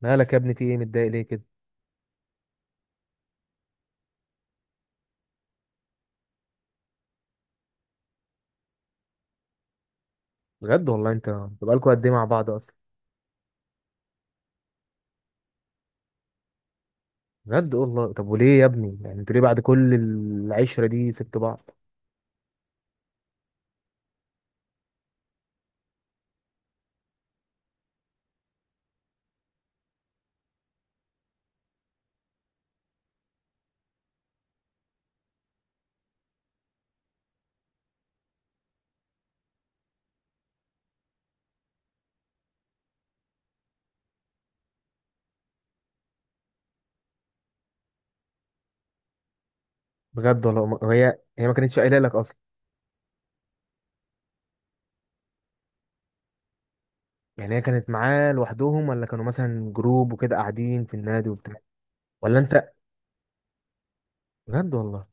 مالك يا ابني؟ في ايه متضايق ليه كده؟ بجد والله انت، انتوا بقالكوا قد ايه مع بعض اصلا؟ بجد والله. طب وليه يا ابني؟ انتوا ليه بعد كل العشره دي سبتوا بعض؟ بجد والله. هي ما كانتش قايله لك اصلا؟ يعني هي كانت معاه لوحدهم، ولا كانوا مثلا جروب وكده قاعدين في النادي وبتاع؟ ولا انت؟ بجد والله.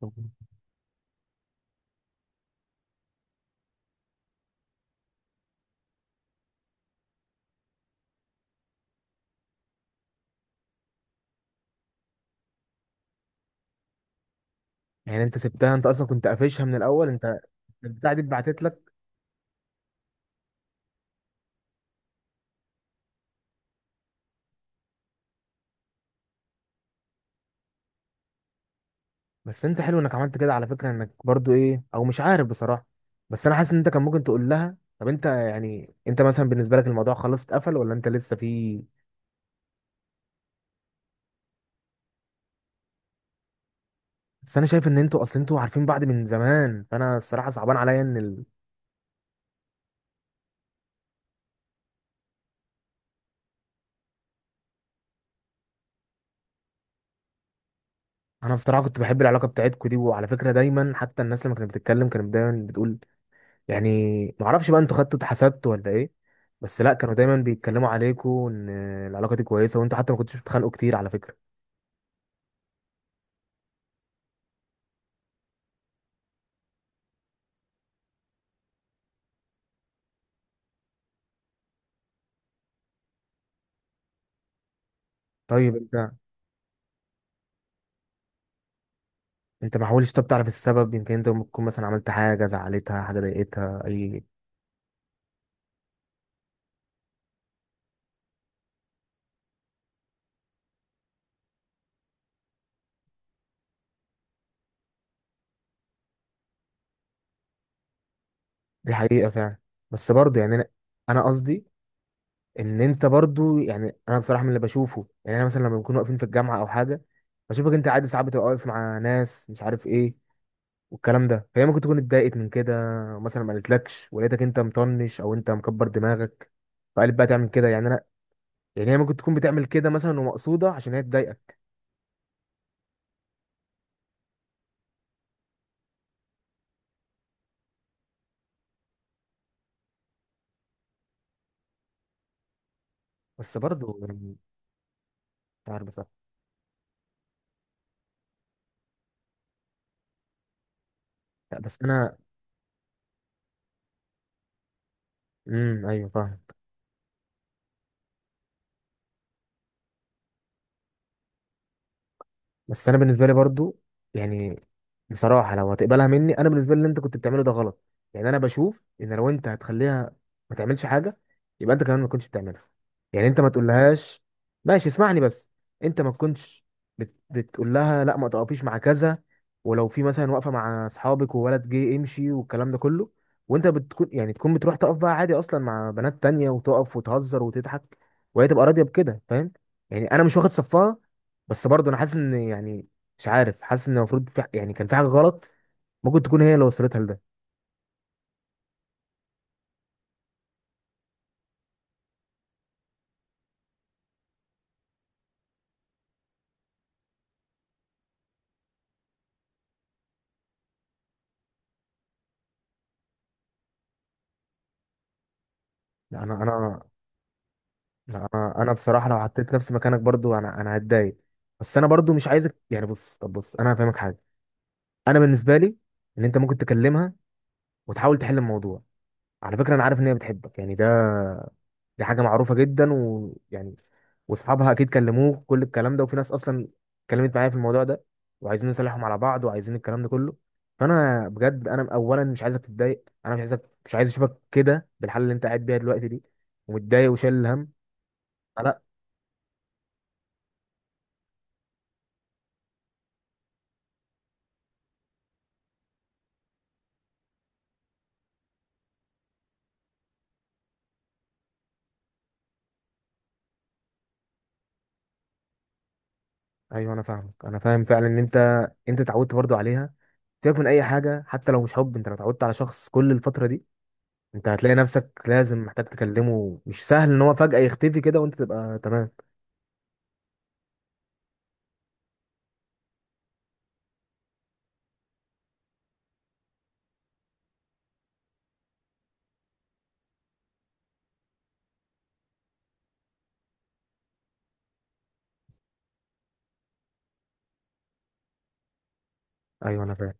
طب انت سبتها؟ انت اصلا كنت قافشها من الاول انت؟ البتاع دي اتبعتت لك؟ بس انت حلو انك عملت كده على فكره، انك برضو ايه او مش عارف بصراحه. بس انا حاسس ان انت كان ممكن تقول لها طب انت انت مثلا بالنسبه لك الموضوع خلاص اتقفل ولا انت لسه في؟ بس انا شايف ان انتوا اصلا انتوا عارفين بعض من زمان، فانا الصراحه صعبان عليا ان ال... انا بصراحه كنت بحب العلاقه بتاعتكوا دي، وعلى فكره دايما حتى الناس لما كانت بتتكلم كانت دايما بتقول. يعني ما اعرفش بقى، انتوا خدتوا اتحسدتوا ولا ايه؟ بس لا، كانوا دايما بيتكلموا عليكوا ان العلاقه دي كويسه، وانتوا حتى ما كنتوش بتتخانقوا كتير على فكره. طيب انت، انت ما حاولتش طب تعرف السبب؟ يمكن انت ممكن تكون مثلا عملت حاجه زعلتها، حاجه ضايقتها، اي. دي حقيقه فعلا، بس برضه يعني انا انا قصدي ان انت برضه، انا بصراحه من اللي بشوفه، يعني انا مثلا لما بنكون واقفين في الجامعه او حاجه، بشوفك انت عادي ساعات بتبقى واقف مع ناس مش عارف ايه والكلام ده، فهي ممكن تكون اتضايقت من كده. مثلا ما قالتلكش ولقيتك انت مطنش او انت مكبر دماغك، فقالت بقى تعمل كده. يعني انا يعني هي ممكن تكون بتعمل كده مثلا ومقصوده عشان هي تضايقك. بس برضه مش عارف بصراحه. لا، بس انا. امم، ايوه فاهم. بس انا بالنسبه لي برضو، يعني بصراحه لو هتقبلها مني، انا بالنسبه لي اللي انت كنت بتعمله ده غلط. يعني انا بشوف ان لو انت هتخليها ما تعملش حاجه، يبقى انت كمان ما كنتش بتعملها. يعني انت ما تقولهاش. ماشي اسمعني بس. انت ما تكونش بتقول لها لا ما تقفيش مع كذا، ولو في مثلا واقفه مع اصحابك وولد جه امشي والكلام ده كله، وانت بتكون تكون بتروح تقف بقى عادي اصلا مع بنات تانية وتقف وتهزر وتضحك، وهي تبقى راضيه بكده. فاهم؟ يعني انا مش واخد صفها، بس برضه انا حاسس ان، مش عارف، حاسس ان المفروض في، يعني كان في حاجه غلط ممكن تكون هي اللي وصلتها لده. لا انا انا لا، انا بصراحه لو حطيت نفسي مكانك برضه انا هتضايق. بس انا برضه مش عايزك، يعني بص، طب بص انا هفهمك حاجه. انا بالنسبه لي، ان انت ممكن تكلمها وتحاول تحل الموضوع. على فكره انا عارف ان هي بتحبك، يعني ده، دي حاجة معروفة جدا، ويعني واصحابها اكيد كلموه كل الكلام ده، وفي ناس اصلا اتكلمت معايا في الموضوع ده، وعايزين نصالحهم على بعض، وعايزين الكلام ده كله. فانا بجد انا اولا مش عايزك تتضايق، انا مش عايزك، مش عايز اشوفك كده بالحالة اللي انت قاعد بيها دلوقتي دي، ومتضايق وشايل الهم. لا. ايوه انا فاهمك، انا فاهم فعلا ان انت، انت اتعودت برضو عليها. سيبك من اي حاجة، حتى لو مش حب، انت لو اتعودت على شخص كل الفترة دي، انت هتلاقي نفسك لازم محتاج تكلمه. مش سهل ان هو فجأة يختفي كده وانت تبقى تمام. ايوه انا فاهم.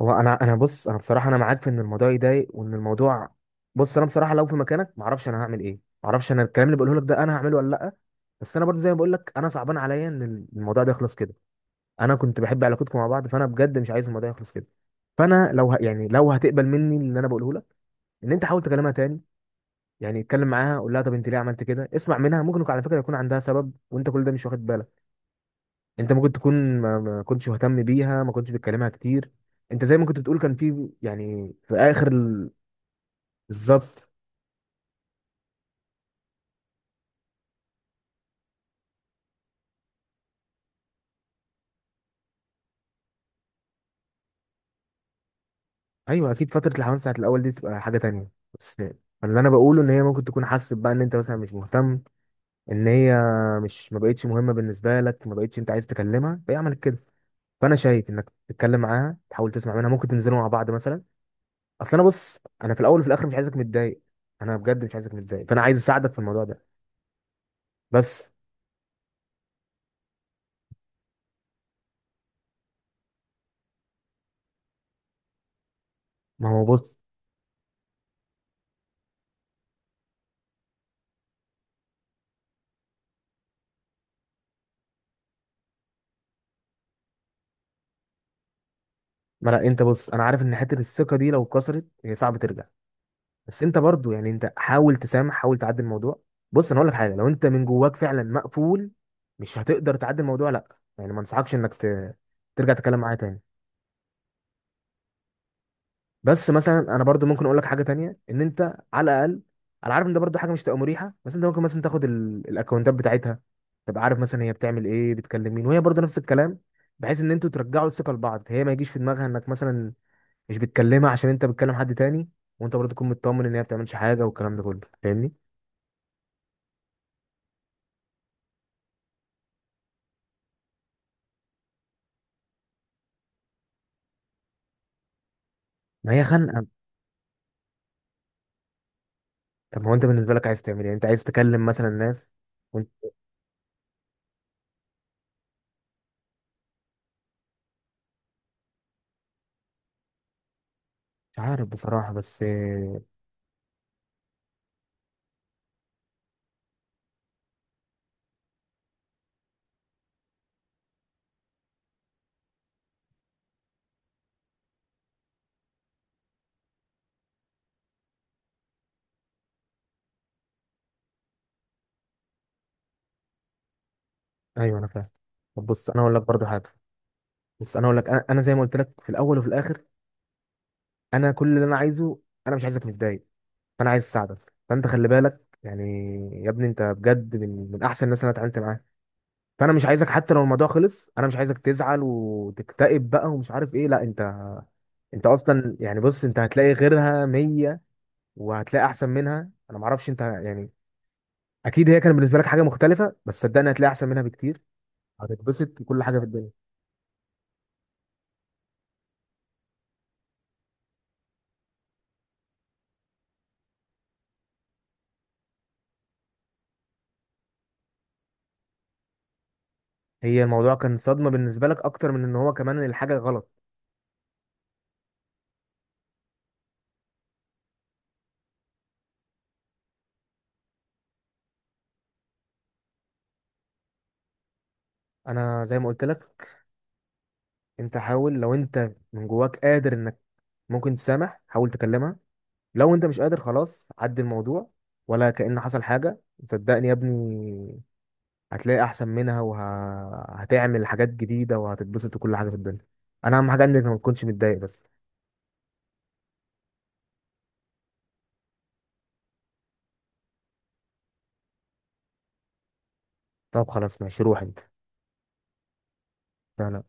هو انا انا بص انا بصراحه انا معاك في ان الموضوع يضايق وان الموضوع، بص انا بصراحه لو في مكانك ما اعرفش انا هعمل ايه، ما اعرفش انا الكلام اللي بقوله لك ده انا هعمله ولا لا. بس انا برضه زي ما بقول لك، انا صعبان عليا ان الموضوع ده يخلص كده. انا كنت بحب علاقتكم مع بعض، فانا بجد مش عايز الموضوع يخلص كده. فانا لو يعني لو هتقبل مني اللي انا بقوله لك، ان انت حاول تكلمها تاني. يعني اتكلم معاها، قول لها طب انت ليه عملت كده، اسمع منها. ممكن على فكره يكون عندها سبب وانت كل ده مش واخد بالك. انت ممكن تكون ما كنتش مهتم بيها، ما كنتش بتكلمها كتير. انت زي ما كنت بتقول كان في، يعني في اخر بالظبط. ايوه اكيد، فتره الحمام ساعه الاول دي تبقى حاجه تانية. بس اللي انا بقوله ان هي ممكن تكون حاسس بقى ان انت مثلا مش مهتم، ان هي مش، ما بقتش مهمه بالنسبه لك، ما بقتش انت عايز تكلمها، فهي عملت كده. فانا شايف انك تتكلم معاها، تحاول تسمع منها، ممكن تنزلوا مع بعض مثلا. اصل انا بص، انا في الاول وفي الاخر مش عايزك متضايق. انا بجد مش عايزك متضايق، فانا عايز اساعدك في الموضوع ده. بس. ما هو بص، ما لا انت بص، انا عارف ان حته الثقه دي لو اتكسرت هي صعب ترجع. بس انت برضو انت حاول تسامح، حاول تعدي الموضوع. بص انا اقول لك حاجه، لو انت من جواك فعلا مقفول مش هتقدر تعدي الموضوع، لا يعني ما انصحكش انك ترجع تتكلم معايا تاني. بس مثلا انا برضو ممكن اقول لك حاجه تانية، ان انت على الاقل، انا عارف ان ده برضو حاجه مش تبقى مريحه، بس انت ممكن مثلا تاخد ال... الاكونتات بتاعتها، تبقى عارف مثلا هي بتعمل ايه، بتكلم مين، وهي برضو نفس الكلام، بحيث ان انتوا ترجعوا الثقه لبعض. هي ما يجيش في دماغها انك مثلا مش بتكلمها عشان انت بتكلم حد تاني، وانت برضه تكون مطمن ان هي ما بتعملش حاجه والكلام ده كله. فاهمني؟ ما هي خانقه. طب ما هو انت بالنسبه لك عايز تعمل ايه؟ انت عايز تكلم مثلا الناس؟ وانت مش عارف بصراحه، بس آه، ايوه انا فاهم. طب بص انا اقول لك برضه حاجه، بص انا اقول لك، انا زي ما قلت لك في الاول وفي الاخر، انا كل اللي انا عايزه، انا مش عايزك متضايق، فانا عايز اساعدك. فانت خلي بالك يعني، يا ابني انت بجد من احسن الناس اللي انا اتعاملت معاها. فانا مش عايزك، حتى لو الموضوع خلص، انا مش عايزك تزعل وتكتئب بقى ومش عارف ايه. لا انت، انت اصلا بص انت هتلاقي غيرها 100، وهتلاقي احسن منها. انا ما اعرفش انت يعني، اكيد هي كان بالنسبه لك حاجه مختلفه، بس صدقني هتلاقي احسن منها بكتير، هتتبسط بكل حاجه في الدنيا. هي الموضوع كان صدمه بالنسبه لك اكتر من ان هو كمان الحاجه غلط. انا زي ما قلت لك، انت حاول، لو انت من جواك قادر انك ممكن تسامح حاول تكلمها، لو انت مش قادر خلاص عدي الموضوع ولا كأن حصل حاجه. صدقني يا ابني، هتلاقي احسن منها وهتعمل حاجات جديده وهتتبسط وكل حاجه في الدنيا. انا اهم حاجه انك ما تكونش متضايق بس. طب خلاص ماشي، روح انت. سلام.